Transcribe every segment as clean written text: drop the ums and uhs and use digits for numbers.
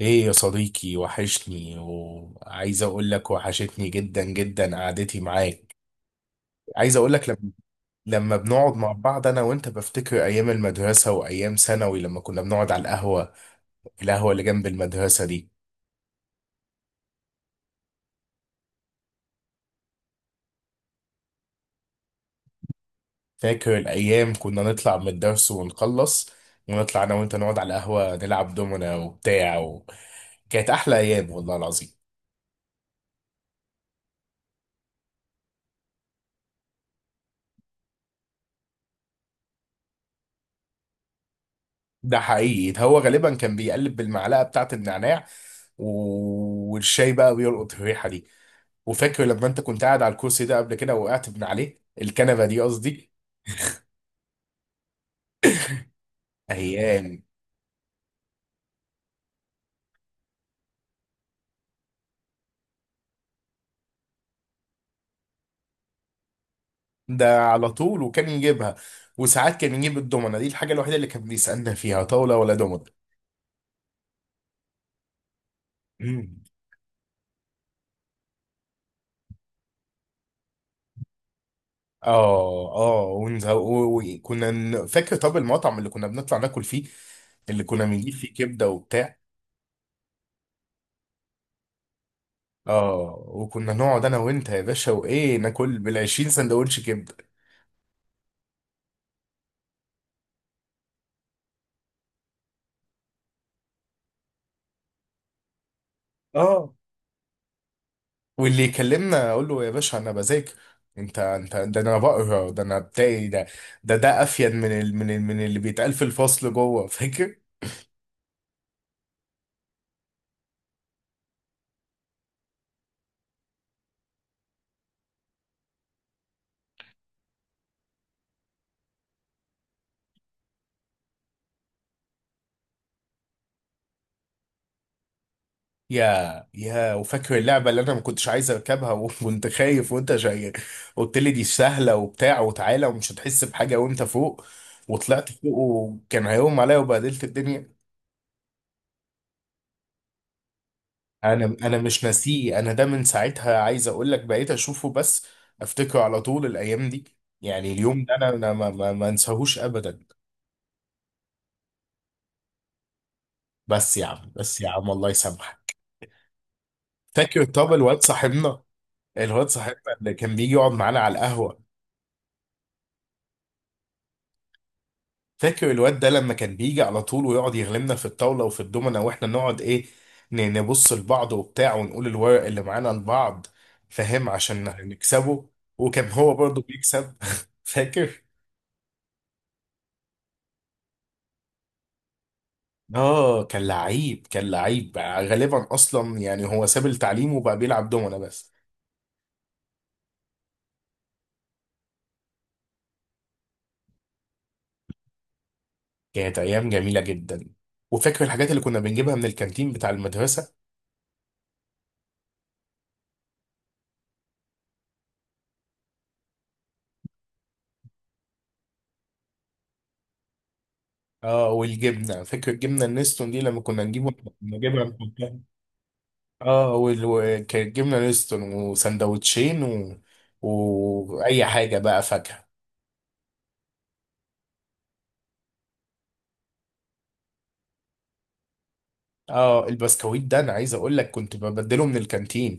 ايه يا صديقي، وحشني وعايز اقول لك وحشتني جدا جدا قعدتي معاك. عايز اقول لك لما بنقعد مع بعض انا وانت بفتكر ايام المدرسة وايام ثانوي لما كنا بنقعد على القهوة، القهوة اللي جنب المدرسة دي. فاكر الايام كنا نطلع من الدرس ونخلص ونطلع انا وانت نقعد على القهوة نلعب دومنا وبتاع كانت احلى ايام والله العظيم. ده حقيقي، ده هو غالبا كان بيقلب بالمعلقة بتاعت النعناع. والشاي بقى بيلقط الريحة دي. وفاكر لما انت كنت قاعد على الكرسي ده قبل كده وقعت من عليه، الكنبه دي قصدي. ايام. ده على طول وكان يجيبها، وساعات كان يجيب الدومنه دي، الحاجه الوحيده اللي كان بيسالنا فيها طاوله ولا دومنه. مم. اه اه، فاكر طب المطعم اللي كنا بنطلع ناكل فيه، اللي كنا بنجيب فيه كبده وبتاع. اه وكنا نقعد انا وانت يا باشا وايه، ناكل بال 20 سندوتش كبده. اه واللي يكلمنا اقول له يا باشا انا بذاكر. انت ده، انا بقرا ده، انا بتاعي ده. ده افيد من اللي بيتقال في الفصل جوه فاكر يا يا وفاكر اللعبه اللي انا ما كنتش عايز اركبها وانت خايف وانت جاي قلت لي دي سهله وبتاع وتعالى ومش هتحس بحاجه، وانت فوق وطلعت فوق وكان هيقوم عليا وبهدلت الدنيا. انا مش ناسيه، انا ده من ساعتها عايز اقول لك بقيت اشوفه بس افتكره على طول الايام دي. يعني اليوم ده انا ما انساهوش ابدا. بس يا عم بس يا عم الله يسامحك. فاكر طب الواد صاحبنا، الواد صاحبنا اللي كان بيجي يقعد معانا على القهوه. فاكر الواد ده لما كان بيجي على طول ويقعد يغلبنا في الطاوله وفي الدومنه، واحنا نقعد ايه، نبص لبعض وبتاع ونقول الورق اللي معانا لبعض، فاهم، عشان نكسبه. وكان هو برضه بيكسب. فاكر. اه، كان لعيب كان لعيب بقى غالبا، اصلا يعني هو ساب التعليم وبقى بيلعب دومنا بس. كانت ايام جميله جدا. وفاكر الحاجات اللي كنا بنجيبها من الكانتين بتاع المدرسه. اه والجبنه، فاكر الجبنه النستون دي، لما كنا نجيبه، كنا نجيبها من الكانتين. اه وكانت جبنه نستون وسندوتشين واي حاجه بقى، فاكهه. اه البسكويت ده انا عايز اقول لك كنت ببدله من الكانتين.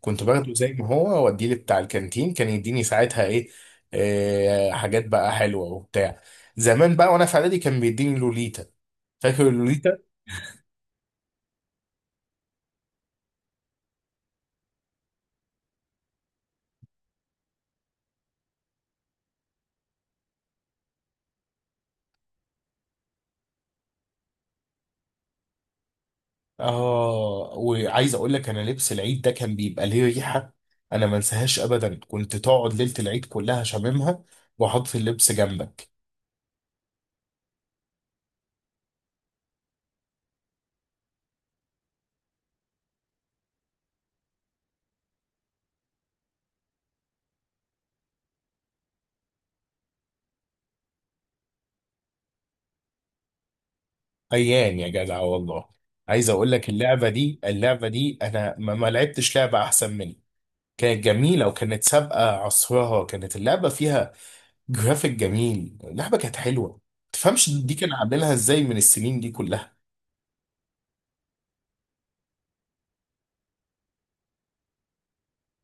كنت باخده زي ما هو واديه، بتاع الكانتين كان يديني ساعتها ايه؟ آه، حاجات بقى حلوه وبتاع. زمان بقى وانا في اعدادي كان بيديني لوليتا. فاكر اللوليتا. اه، وعايز اقول لك انا لبس العيد ده كان بيبقى ليه ريحه، انا ما انساهاش ابدا، كنت تقعد ليله العيد كلها شاممها واحط اللبس جنبك. ايام يا جدع والله. عايز اقول لك اللعبه دي انا ما لعبتش لعبه احسن منها. كانت جميلة وكانت سابقة عصرها، كانت اللعبة فيها جرافيك جميل، اللعبة كانت حلوة. تفهمش دي كان عاملينها ازاي من السنين دي كلها.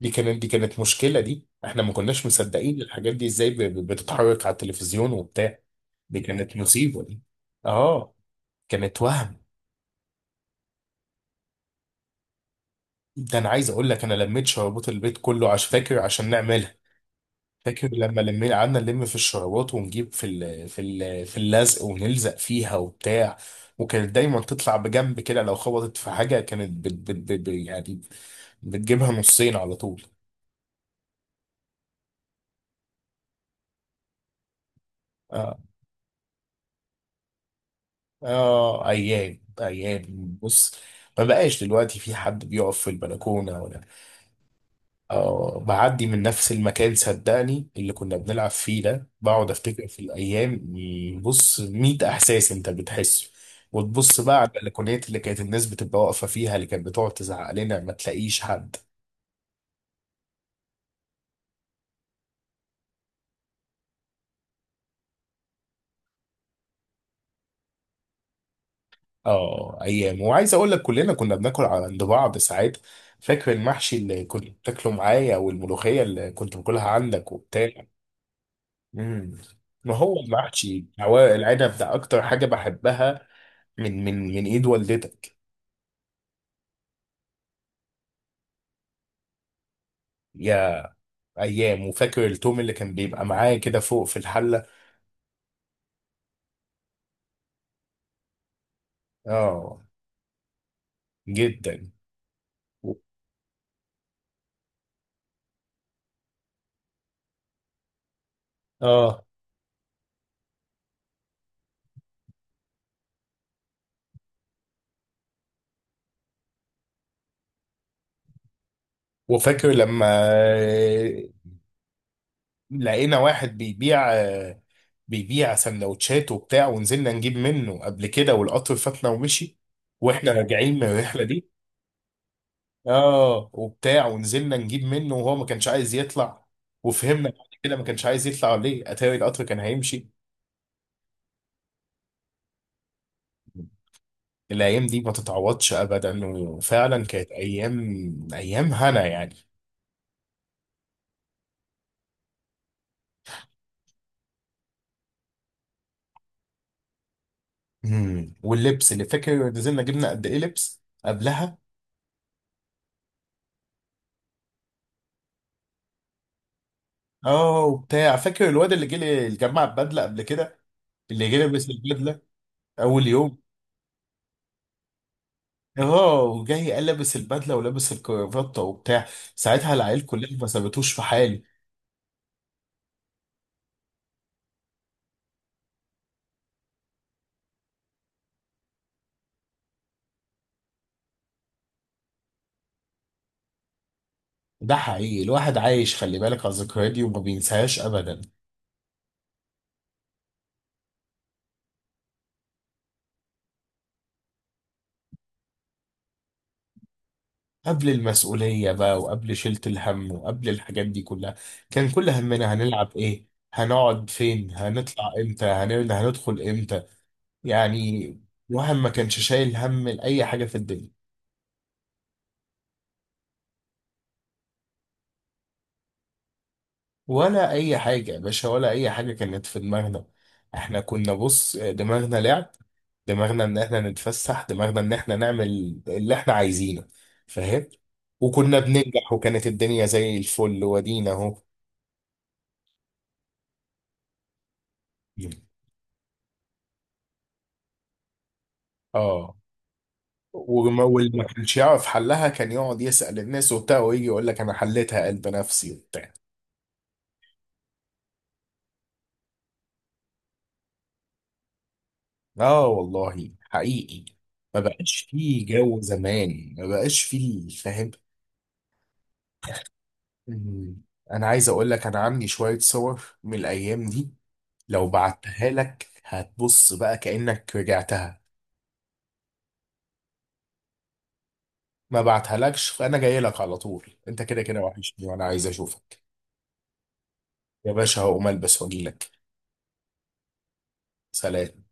دي كانت مشكلة دي، احنا ما كناش مصدقين الحاجات دي ازاي بتتحرك على التلفزيون وبتاع. دي كانت مصيبة دي. اه، كانت وهم. ده انا عايز اقول لك انا لميت شربات البيت كله عشان فاكر عشان نعملها. فاكر لما لمينا قعدنا نلم في الشرابات، ونجيب في اللزق ونلزق فيها وبتاع. وكانت دايما تطلع بجنب كده، لو خبطت في حاجة كانت يعني بتجيبها نصين على طول. اه اه، ايام ايام. بص، ما بقاش دلوقتي في حد بيقف في البلكونة ولا. اه، بعدي من نفس المكان صدقني، اللي كنا بنلعب فيه ده، بقعد افتكر في الايام، بص 100 احساس انت بتحسه، وتبص بقى على البلكونات اللي كانت الناس بتبقى واقفه فيها، اللي كانت بتقعد تزعق لنا، ما تلاقيش حد. اه، ايام، وعايز اقول لك كلنا كنا بناكل على عند بعض ساعات. فاكر المحشي اللي كنت بتاكله معايا، والملوخيه اللي كنت باكلها عندك وبتاع. امم. ما هو المحشي هو العنب ده اكتر حاجه بحبها، من ايد والدتك. يا. ايام، وفاكر التوم اللي كان بيبقى معايا كده فوق في الحله. اه، جدا. و- اه، وفاكر لما لقينا واحد بيبيع سندوتشات وبتاع، ونزلنا نجيب منه قبل كده، والقطر فاتنا ومشي. واحنا راجعين من الرحله دي، اه وبتاع، ونزلنا نجيب منه وهو ما كانش عايز يطلع. وفهمنا بعد كده ما كانش عايز يطلع ليه، اتاري القطر كان هيمشي. الايام دي ما تتعوضش ابدا، وفعلا كانت ايام، ايام هنا يعني. امم. واللبس اللي فاكر نزلنا جبنا قد ايه لبس قبلها. اه وبتاع، فاكر الواد اللي جه جمع بدله قبل كده، اللي جه لابس البدله اول يوم. اه وجاي قال، لابس البدله ولابس الكرافته وبتاع، ساعتها العيال كلها ما سابتوش في حالي. ده حقيقي، الواحد عايش، خلي بالك على الذكريات دي وما بينساهاش ابدا. قبل المسؤولية بقى وقبل شيلة الهم وقبل الحاجات دي كلها، كان كل همنا هنلعب ايه، هنقعد فين، هنطلع امتى، هندخل امتى، يعني. الواحد ما كانش شايل هم لأي حاجة في الدنيا. ولا أي حاجة يا باشا، ولا أي حاجة كانت في دماغنا. احنا كنا بص دماغنا لعب، دماغنا ان احنا نتفسح، دماغنا ان احنا نعمل اللي احنا عايزينه، فاهم. وكنا بننجح وكانت الدنيا زي الفل ودينا اهو. اه، واللي ما كانش يعرف حلها كان يقعد يسأل الناس وبتاع ويجي يقول لك انا حليتها قلب نفسي وبتاع. اه والله حقيقي. ما بقاش فيه جو زمان ما بقاش فيه فاهم. مم. انا عايز اقول لك انا عندي شوية صور من الايام دي، لو بعتها لك هتبص بقى كأنك رجعتها. ما بعتهالكش، فانا جاي لك على طول، انت كده كده وحشني وانا عايز اشوفك. يا باشا هقوم البس واجي لك. سلام.